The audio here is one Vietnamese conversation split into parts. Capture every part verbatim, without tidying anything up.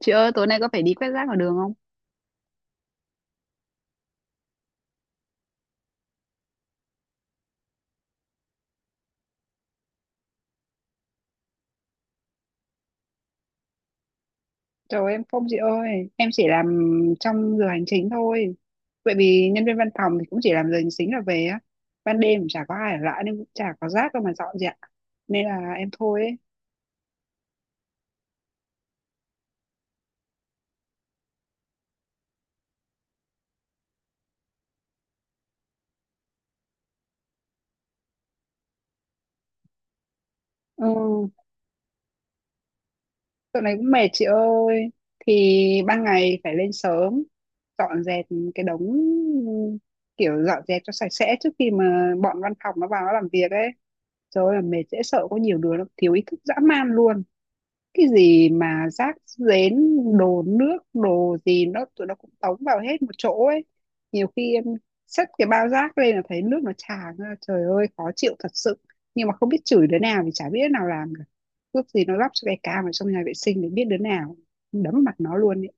Chị ơi, tối nay có phải đi quét rác ở đường không? Trời em không chị ơi, em chỉ làm trong giờ hành chính thôi. Bởi vì nhân viên văn phòng thì cũng chỉ làm giờ hành chính là về á. Ban đêm cũng chả có ai ở lại nên cũng chả có rác đâu mà dọn dẹp. Nên là em thôi ấy. Ừ, dạo này cũng mệt chị ơi. Thì ban ngày phải lên sớm, dọn dẹp cái đống kiểu dọn dẹp cho sạch sẽ trước khi mà bọn văn phòng nó vào nó làm việc ấy. Trời ơi, là mệt dễ sợ, có nhiều đứa nó thiếu ý thức dã man luôn. Cái gì mà rác rến, đồ nước đồ gì nó tụi nó cũng tống vào hết một chỗ ấy. Nhiều khi em xách cái bao rác lên là thấy nước nó tràn ra, trời ơi khó chịu thật sự. Nhưng mà không biết chửi đứa nào thì chả biết đứa nào làm cả. Ước gì nó lắp cho cái cam ở trong nhà vệ sinh để biết đứa nào, đấm mặt nó luôn ấy.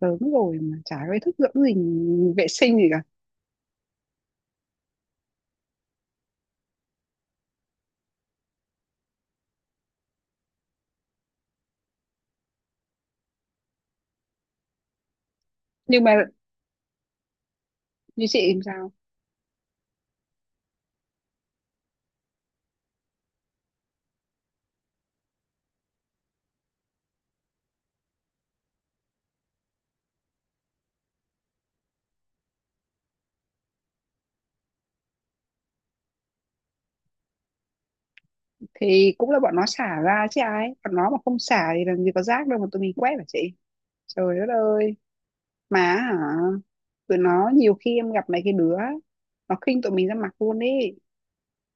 Lớn rồi mà chả có ý thức dưỡng gì, vệ sinh gì cả. Nhưng mà như chị làm sao thì cũng là bọn nó xả ra chứ ai, bọn nó mà không xả thì làm gì có rác đâu mà tụi mình quét hả chị. Trời đất ơi, mà hả, tụi nó nhiều khi em gặp mấy cái đứa nó khinh tụi mình ra mặt luôn ý.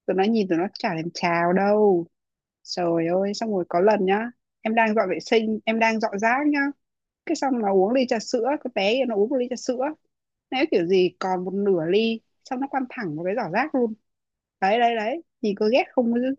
Tụi nó nhìn tụi nó chả thèm chào đâu. Trời ơi, xong rồi có lần nhá, em đang dọn vệ sinh, em đang dọn rác nhá, cái xong nó uống ly trà sữa, cái bé kia nó uống một ly trà sữa, nếu kiểu gì còn một nửa ly, xong nó quăng thẳng vào cái giỏ rác luôn. Đấy đấy đấy, nhìn có ghét không chứ.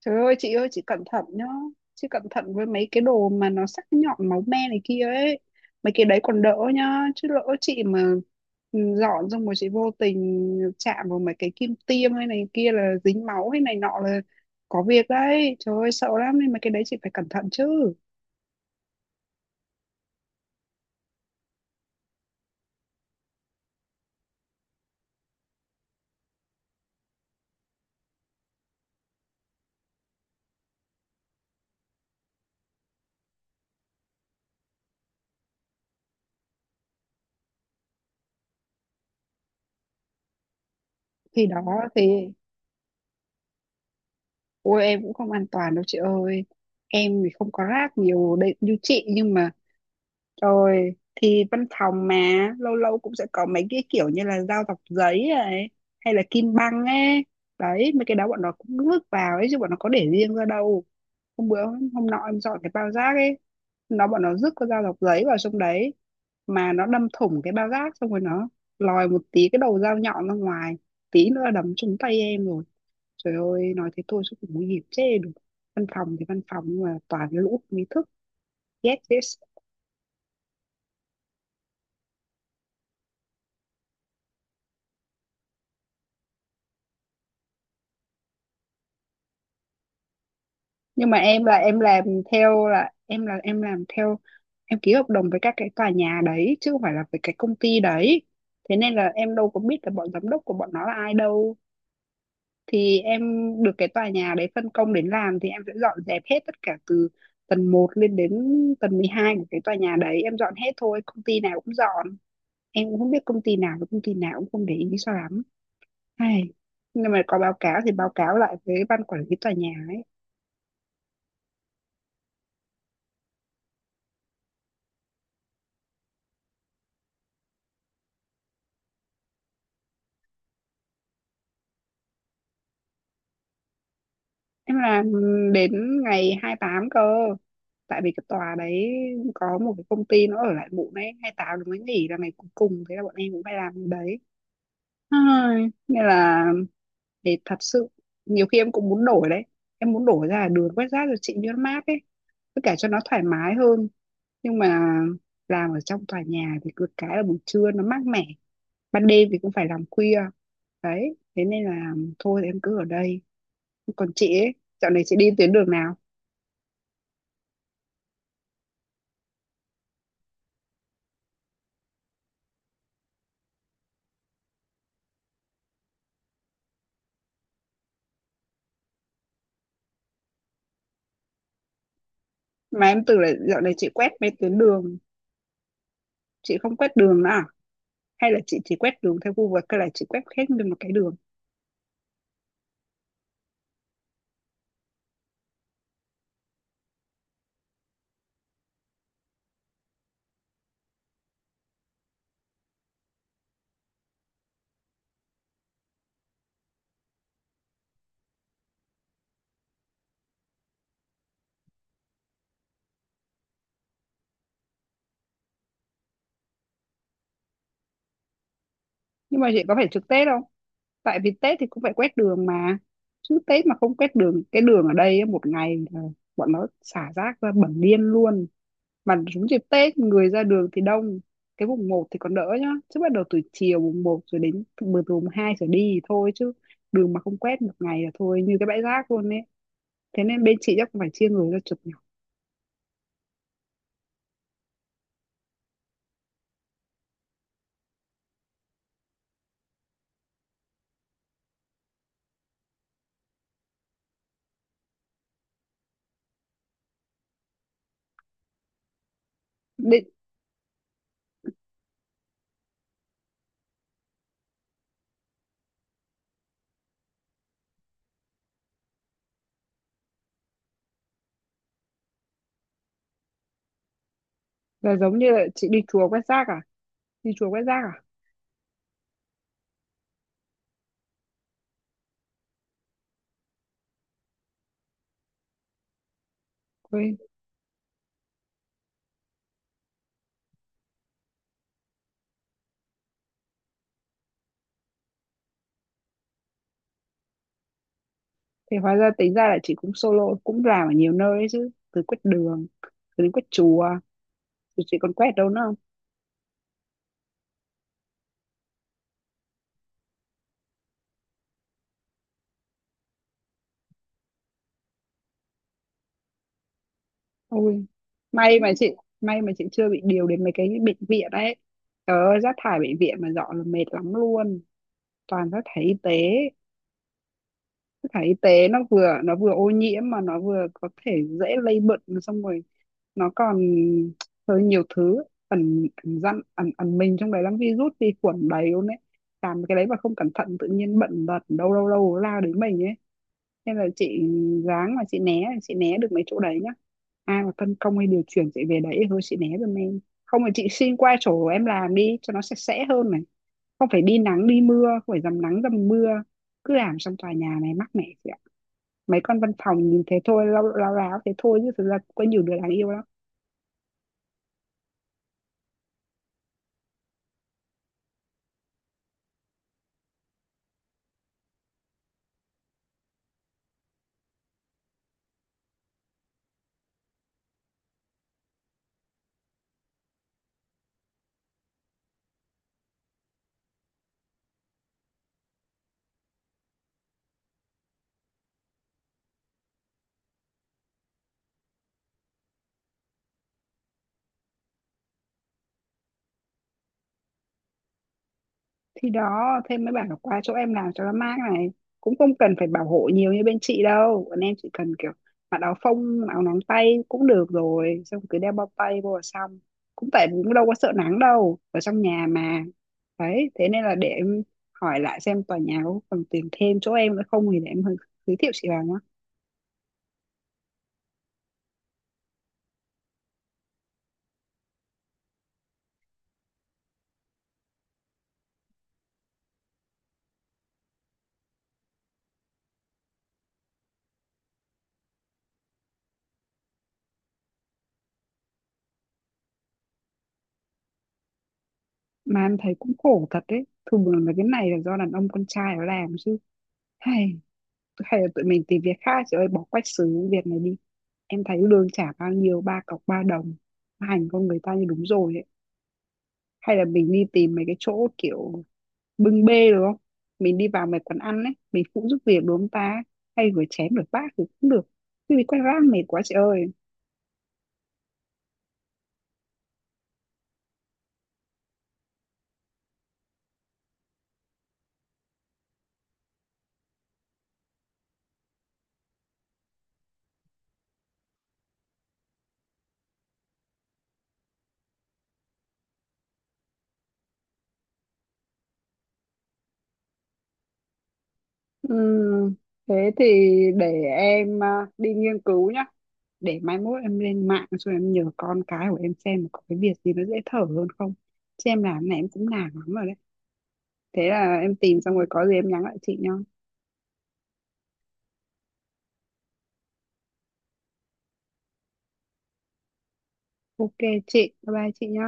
Trời ơi chị ơi, chị cẩn thận nhá. Chị cẩn thận với mấy cái đồ mà nó sắc nhọn máu me này kia ấy. Mấy cái đấy còn đỡ nhá. Chứ lỡ chị mà ừ, dọn xong rồi chị vô tình chạm vào mấy cái kim tiêm hay này kia là dính máu hay này nọ là có việc đấy. Trời ơi sợ lắm, nên mấy cái đấy chị phải cẩn thận chứ. Thì đó thì, ôi em cũng không an toàn đâu chị ơi. Em thì không có rác nhiều đấy như chị, nhưng mà rồi thì văn phòng mà lâu lâu cũng sẽ có mấy cái kiểu như là dao dọc giấy này, hay là kim băng ấy. Đấy, mấy cái đó bọn nó cũng vứt vào ấy chứ bọn nó có để riêng ra đâu. Hôm bữa hôm nọ em dọn cái bao rác ấy, nó bọn nó vứt cái dao dọc giấy vào trong đấy, mà nó đâm thủng cái bao rác xong rồi nó lòi một tí cái đầu dao nhọn ra ngoài, tí nữa là đấm trúng tay em rồi. Trời ơi, nói thế thôi chứ cũng nguy hiểm chê được. Văn phòng thì văn phòng nhưng mà toàn cái lũ không ý thức, ghét thế. Nhưng mà em là em làm theo là em là em làm theo, em ký hợp đồng với các cái tòa nhà đấy chứ không phải là với cái công ty đấy. Thế nên là em đâu có biết là bọn giám đốc của bọn nó là ai đâu. Thì em được cái tòa nhà đấy phân công đến làm thì em sẽ dọn dẹp hết tất cả từ tầng một lên đến tầng mười hai của cái tòa nhà đấy, em dọn hết thôi, công ty nào cũng dọn. Em cũng không biết công ty nào với công ty nào, cũng không để ý sao lắm, hay nhưng mà có báo cáo thì báo cáo lại với ban quản lý tòa nhà ấy. Em làm đến ngày hai tám cơ. Tại vì cái tòa đấy có một cái công ty nó ở lại muộn ấy, hai tám nó mới nghỉ là ngày cuối cùng, thế là bọn em cũng phải làm cái đấy. Ai, nên là để thật sự nhiều khi em cũng muốn đổi đấy. Em muốn đổi ra đường quét rác rồi chị cho nó mát ấy. Với cả cho nó thoải mái hơn. Nhưng mà làm ở trong tòa nhà thì cứ cái là buổi trưa nó mát mẻ. Ban đêm thì cũng phải làm khuya. Đấy, thế nên là thôi em cứ ở đây. Còn chị ấy, dạo này chị đi tuyến đường nào? Mà em tưởng là dạo này chị quét mấy tuyến đường, chị không quét đường nữa à? Hay là chị chỉ quét đường theo Google hay là chị quét hết nguyên một cái đường? Nhưng mà chị có phải trực Tết không? Tại vì Tết thì cũng phải quét đường mà. Chứ Tết mà không quét đường, cái đường ở đây á, một ngày là bọn nó xả rác ra bẩn điên luôn. Mà đúng dịp Tết người ra đường thì đông. Cái mùng một thì còn đỡ nhá. Chứ bắt đầu từ chiều mùng một rồi đến từ từ mùng hai trở đi thì thôi chứ, đường mà không quét một ngày là thôi như cái bãi rác luôn ấy. Thế nên bên chị chắc cũng phải chia người ra chụp nhỉ. Định là giống như là chị đi chùa quét rác à, đi chùa quét rác à, quên, thì hóa ra tính ra là chị cũng solo cũng làm ở nhiều nơi đấy chứ, từ quét đường, từ đến quét chùa, rồi chị còn quét đâu nữa không? Ôi, may mà chị may mà chị chưa bị điều đến mấy cái bệnh viện đấy. Trời ơi, rác thải bệnh viện mà dọn là mệt lắm luôn, toàn rác thải y tế. Rác thải y tế nó vừa nó vừa ô nhiễm mà nó vừa có thể dễ lây bệnh, xong rồi nó còn hơi nhiều thứ ẩn ẩn dặn ẩn ẩn mình trong đấy, lắm virus vi khuẩn đầy luôn đấy. Làm cái đấy mà không cẩn thận tự nhiên bệnh tật đâu đâu đâu lao đến mình ấy. Nên là chị ráng mà chị né, chị né được mấy chỗ đấy nhá. Ai mà phân công hay điều chuyển chị về đấy thì thôi chị né giùm em, không thì chị xin qua chỗ em làm đi cho nó sạch sẽ hơn này. Không phải đi nắng đi mưa, không phải dầm nắng dầm mưa, cứ làm trong tòa nhà này mắc mẻ chị ạ. Mấy con văn phòng nhìn thế thôi, lao lao láo thế thôi chứ thực ra có nhiều đứa đáng yêu lắm. Thì đó thêm mới bảo là qua chỗ em làm cho nó mát này, cũng không cần phải bảo hộ nhiều như bên chị đâu. Bọn em chỉ cần kiểu mặc áo phông áo nắng tay cũng được rồi, xong cứ đeo bao tay vô là xong. Cũng tại vì cũng đâu có sợ nắng đâu, ở trong nhà mà. Đấy, thế nên là để em hỏi lại xem tòa nhà có cần tìm thêm chỗ em nữa không thì để em giới thiệu chị vào nhá. Mà em thấy cũng khổ thật đấy, thường là cái này là do đàn ông con trai nó làm chứ, hay hay là tụi mình tìm việc khác chị ơi, bỏ quách xứ việc này đi. Em thấy lương trả bao nhiêu, ba cọc ba đồng, hành con người ta như đúng rồi ấy. Hay là mình đi tìm mấy cái chỗ kiểu bưng bê đúng không, mình đi vào mấy quán ăn ấy mình phụ giúp việc đúng không ta, hay rửa chén rửa bát thì cũng được. Chứ bị quay ra mệt quá chị ơi. Ừm, thế thì để em à, đi nghiên cứu nhá. Để mai mốt em lên mạng rồi em nhờ con cái của em xem có cái việc gì nó dễ thở hơn không. Chứ em làm này em cũng nản lắm rồi đấy. Thế là em tìm xong rồi có gì em nhắn lại chị nhá. Ok chị, bye bye chị nhá.